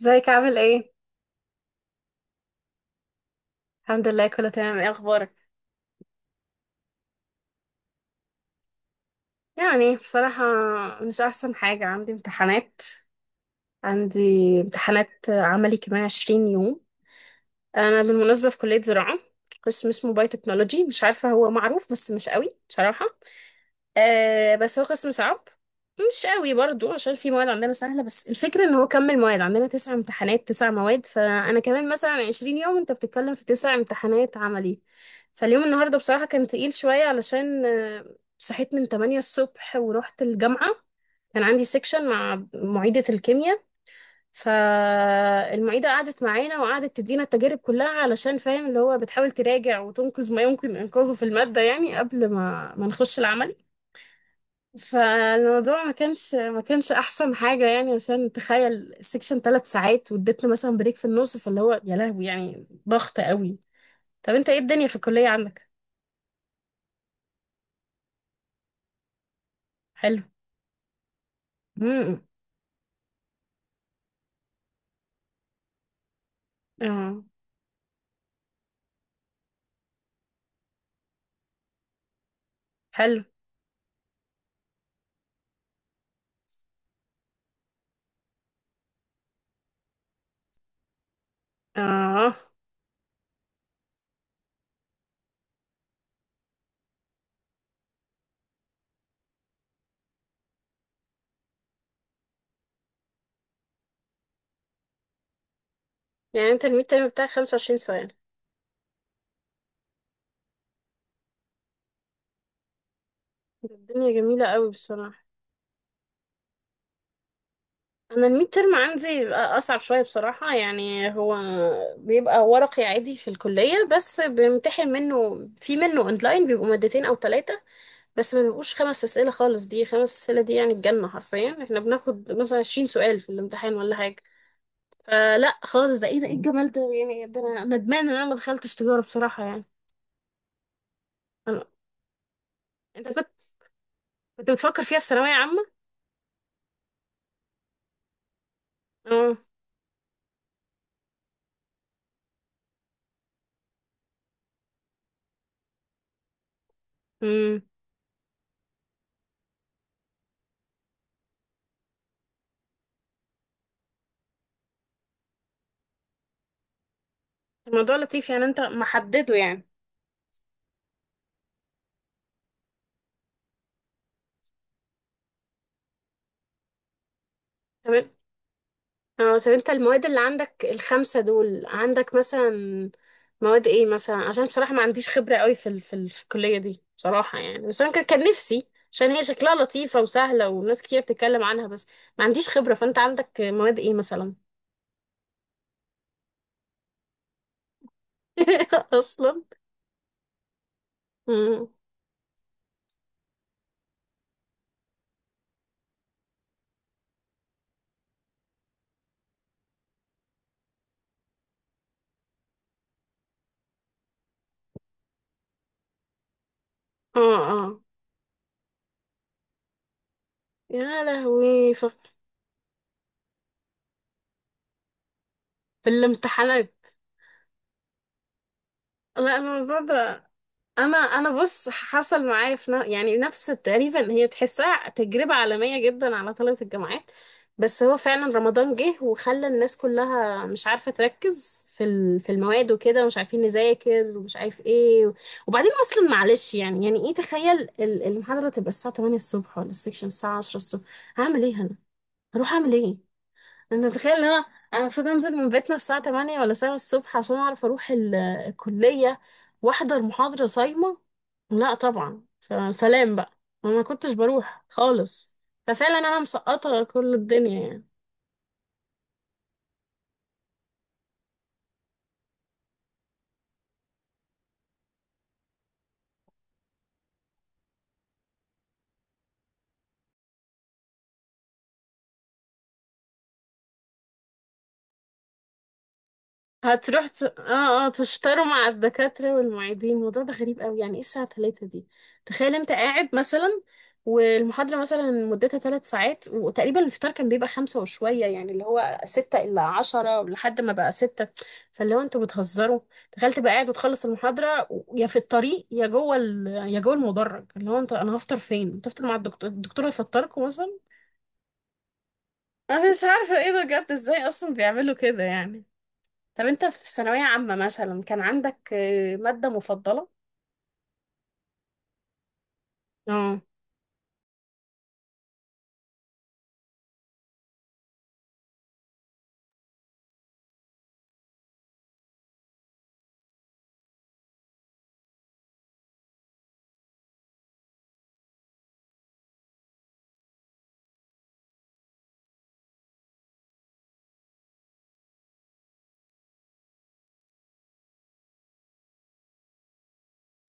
ازيك عامل ايه؟ الحمد لله، كله تمام. ايه اخبارك؟ يعني بصراحة، مش احسن حاجة. عندي امتحانات. عندي امتحانات عملي كمان 20 يوم. انا بالمناسبة في كلية زراعة، قسم اسمه بايوتكنولوجي. مش عارفة هو معروف، بس مش قوي بصراحة. آه، بس هو قسم صعب. مش قوي برضو، عشان في مواد عندنا سهلة، بس الفكرة ان هو كمل. مواد عندنا تسع امتحانات، تسع مواد. فانا كمان مثلا عشرين يوم، انت بتتكلم في تسع امتحانات عملي. فاليوم، النهاردة بصراحة كان تقيل شوية علشان صحيت من 8 الصبح ورحت الجامعة. كان عندي سيكشن مع معيدة الكيمياء. فالمعيدة قعدت معانا وقعدت تدينا التجارب كلها، علشان فاهم اللي هو بتحاول تراجع وتنقذ ما يمكن انقاذه في المادة، يعني قبل ما نخش العمل. فالموضوع ما كانش احسن حاجه يعني، عشان تخيل السكشن ثلاث ساعات، واديتنا مثلا بريك في النص، فاللي هو يا لهوي، يعني ضغط قوي. طب انت ايه الدنيا في الكليه عندك؟ حلو. امم. اه. حلو. اه. يعني انت الميد ترم بتاعك 25 سؤال؟ الدنيا جميله قوي بصراحه. انا الميد ترم عندي اصعب شويه بصراحه، يعني هو بيبقى ورقي عادي في الكليه، بس بنمتحن منه في منه اونلاين، بيبقوا مادتين او ثلاثه. بس ما بيبقوش خمس أسئلة خالص. دي خمس أسئلة دي يعني الجنة حرفيا. احنا بناخد مثلا عشرين سؤال في الامتحان ولا حاجة. فلا خالص، ده ايه؟ ده ايه الجمال ده يعني؟ ده انا ندمان ان انا ما دخلتش تجارة بصراحة يعني. أنا... انت كنت بتفكر فيها في ثانوية عامة؟ اه. امم. الموضوع لطيف يعني، انت محدده يعني. تمام. اه، طب انت المواد اللي عندك الخمسة دول، عندك مثلا مواد ايه مثلا؟ عشان بصراحة ما عنديش خبرة قوي في الكلية دي بصراحة يعني، بس انا كان نفسي، عشان هي شكلها لطيفة وسهلة وناس كتير بتتكلم عنها، بس ما عنديش خبرة. فانت عندك مواد ايه مثلا؟ اصلا. مم. اه، اه. يا لهوي، في الامتحانات. لا، الموضوع ده، انا بص، حصل معايا في يعني نفس تقريبا، هي تحسها تجربة عالمية جدا على طلبة الجامعات. بس هو فعلا رمضان جه وخلى الناس كلها مش عارفة تركز في المواد وكده، ومش عارفين نذاكر ومش عارف ايه. وبعدين اصلا معلش، يعني ايه؟ تخيل المحاضرة تبقى الساعة 8 الصبح، ولا السكشن الساعة 10 الصبح. هعمل ايه انا؟ هروح اعمل ايه؟ انت تتخيل ان انا المفروض انزل من بيتنا الساعة 8 ولا 7 الصبح عشان اعرف اروح الكلية واحضر محاضرة صايمة؟ لا طبعا، فسلام بقى، ما كنتش بروح خالص. ففعلا انا مسقطة كل الدنيا يعني. اه، اه، تشتروا مع الدكاترة والمعيدين. الموضوع ده غريب قوي، يعني ايه الساعة تلاتة دي؟ تخيل انت قاعد مثلا، والمحاضرة مثلا مدتها ثلاث ساعات، وتقريبا الفطار كان بيبقى خمسة وشوية، يعني اللي هو ستة إلا عشرة لحد ما بقى ستة. فاللي هو انتوا بتهزروا. تخيل تبقى قاعد وتخلص المحاضرة، يا في الطريق، يا جوه يا جوه المدرج. اللي هو انا هفطر فين؟ تفطر مع الدكتور؟ الدكتور هيفطركم مثلا؟ انا مش عارفة ايه ده بجد، ازاي اصلا بيعملوا كده يعني. طب انت في ثانوية عامة مثلا كان عندك مادة مفضلة؟ اه،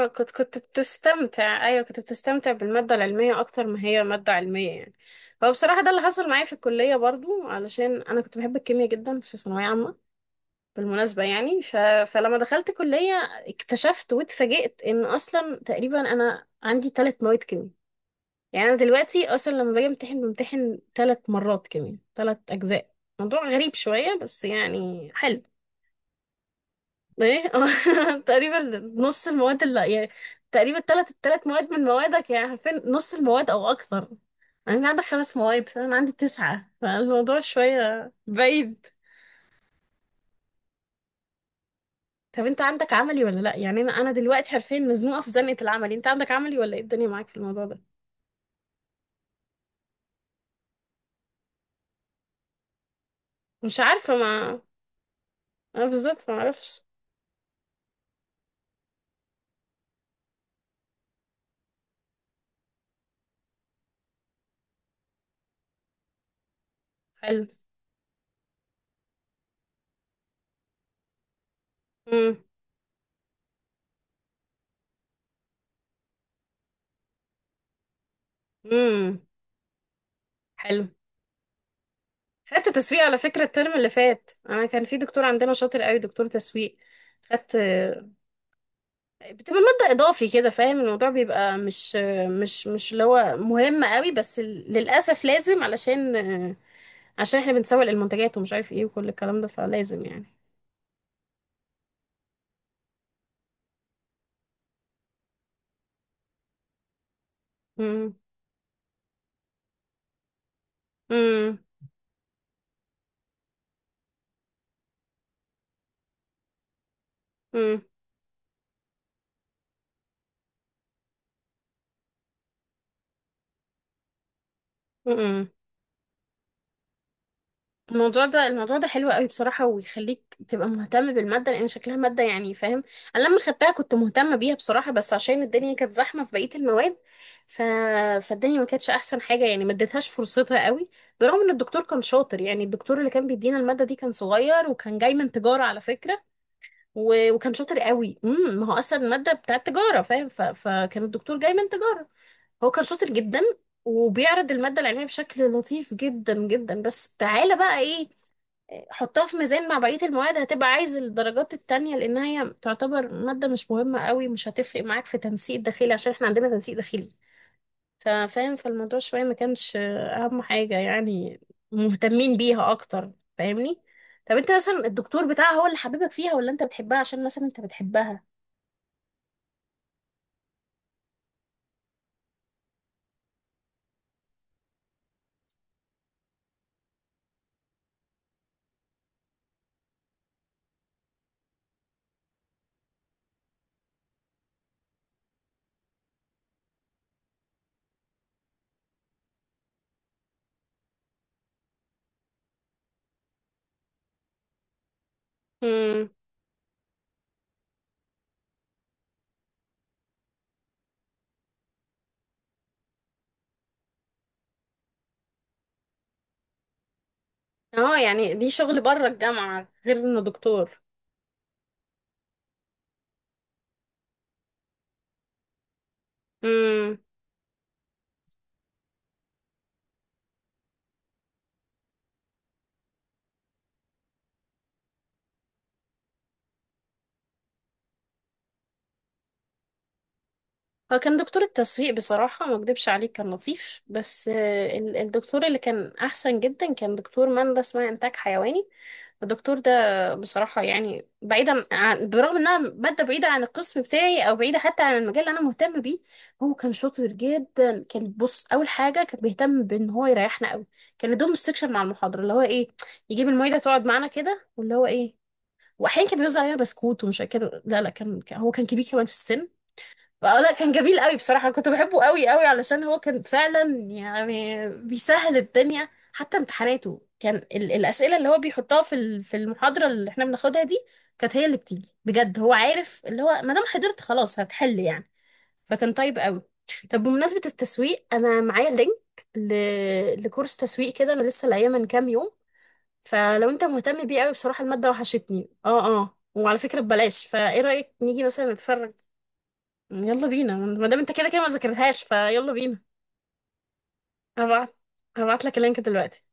اه، كنت بتستمتع. ايوه، كنت بتستمتع بالماده العلميه، اكتر ما هي ماده علميه يعني. هو بصراحه ده اللي حصل معايا في الكليه برضو، علشان انا كنت بحب الكيمياء جدا في ثانويه عامه بالمناسبه يعني. فلما دخلت كليه اكتشفت واتفاجئت ان اصلا تقريبا انا عندي ثلاث مواد كيمياء. يعني انا دلوقتي اصلا لما باجي بمتحن ثلاث مرات كيمياء، ثلاث اجزاء. موضوع غريب شويه، بس يعني حلو. ايه؟ تقريبا. نص المواد اللي يعني، تقريبا التلات مواد من موادك، يعني عارفين نص المواد او اكتر. يعني انا عندك خمس مواد فانا عندي تسعة، فالموضوع شوية بعيد. طب انت عندك عملي ولا لا؟ يعني انا دلوقتي حرفيا مزنوقة في زنقة العملي، انت عندك عملي ولا ايه الدنيا معاك في الموضوع ده؟ مش عارفة ما. انا بالظبط ما اعرفش. حلو. امم. امم. حلو. خدت تسويق على فكرة الترم اللي فات، انا كان في دكتور عندنا شاطر قوي، دكتور تسويق. خدت. بتبقى مادة إضافي كده، فاهم؟ الموضوع بيبقى مش، مش اللي هو مهم قوي، بس للأسف لازم، علشان، عشان احنا بنسوق المنتجات ومش عارف ايه وكل الكلام ده، فلازم يعني. امم. امم. امم. امم. الموضوع ده حلو قوي بصراحة، ويخليك تبقى مهتم بالمادة، لأن شكلها مادة يعني فاهم. أنا لما خدتها كنت مهتمة بيها بصراحة، بس عشان الدنيا كانت زحمة في بقية المواد، ف... فالدنيا ما كانتش أحسن حاجة يعني، ما اديتهاش فرصتها قوي. برغم إن الدكتور كان شاطر يعني. الدكتور اللي كان بيدينا المادة دي كان صغير، وكان جاي من تجارة على فكرة، وكان شاطر قوي. امم، ما هو أصلا المادة بتاعت تجارة فاهم، فكان الدكتور جاي من تجارة. هو كان شاطر جدا، وبيعرض المادة العلمية بشكل لطيف جدا جدا، بس تعالى بقى ايه. حطها في ميزان مع بقية المواد، هتبقى عايز الدرجات التانية، لأنها هي تعتبر مادة مش مهمة قوي، مش هتفرق معاك في تنسيق داخلي، عشان احنا عندنا تنسيق داخلي. ففاهم، فالموضوع شوية ما كانش أهم حاجة يعني، مهتمين بيها أكتر، فاهمني؟ طب انت مثلا الدكتور بتاعها هو اللي حبيبك فيها، ولا انت بتحبها عشان مثلا انت بتحبها؟ امم. اه، يعني دي شغل بره الجامعة غير انه دكتور. هو كان دكتور التسويق بصراحة ما اكدبش عليك كان لطيف، بس الدكتور اللي كان أحسن جدا كان دكتور، ماندة اسمها إنتاج حيواني. الدكتور ده بصراحة يعني، بعيدا عن، برغم إنها مادة بعيدة عن القسم بتاعي أو بعيدة حتى عن المجال اللي أنا مهتم بيه، هو كان شاطر جدا. كان، بص، أول حاجة كان بيهتم بإن هو يريحنا قوي. كان يدوم السكشن مع المحاضرة، اللي هو إيه، يجيب المعيدة تقعد معانا كده، واللي هو إيه، وأحيانا كان بيوزع علينا بسكوت ومش كده. لا، لا، كان، هو كان كبير كمان في السن، فلا كان جميل قوي بصراحة. أنا كنت بحبه قوي قوي، علشان هو كان فعلا يعني بيسهل الدنيا. حتى امتحاناته، كان الأسئلة اللي هو بيحطها في المحاضرة اللي احنا بناخدها دي، كانت هي اللي بتيجي بجد. هو عارف اللي هو، ما دام حضرت خلاص هتحل يعني. فكان طيب قوي. طب بمناسبة التسويق، أنا معايا لينك لكورس تسويق كده، أنا لسه لاقياه من كام يوم. فلو أنت مهتم بيه قوي بصراحة، المادة وحشتني، اه، اه، وعلى فكرة ببلاش. فإيه رأيك نيجي مثلا نتفرج؟ يلا بينا، ما دام انت كده كده ما ذاكرتهاش، فيلا بينا. هبعت هبعت لك اللينك دلوقتي.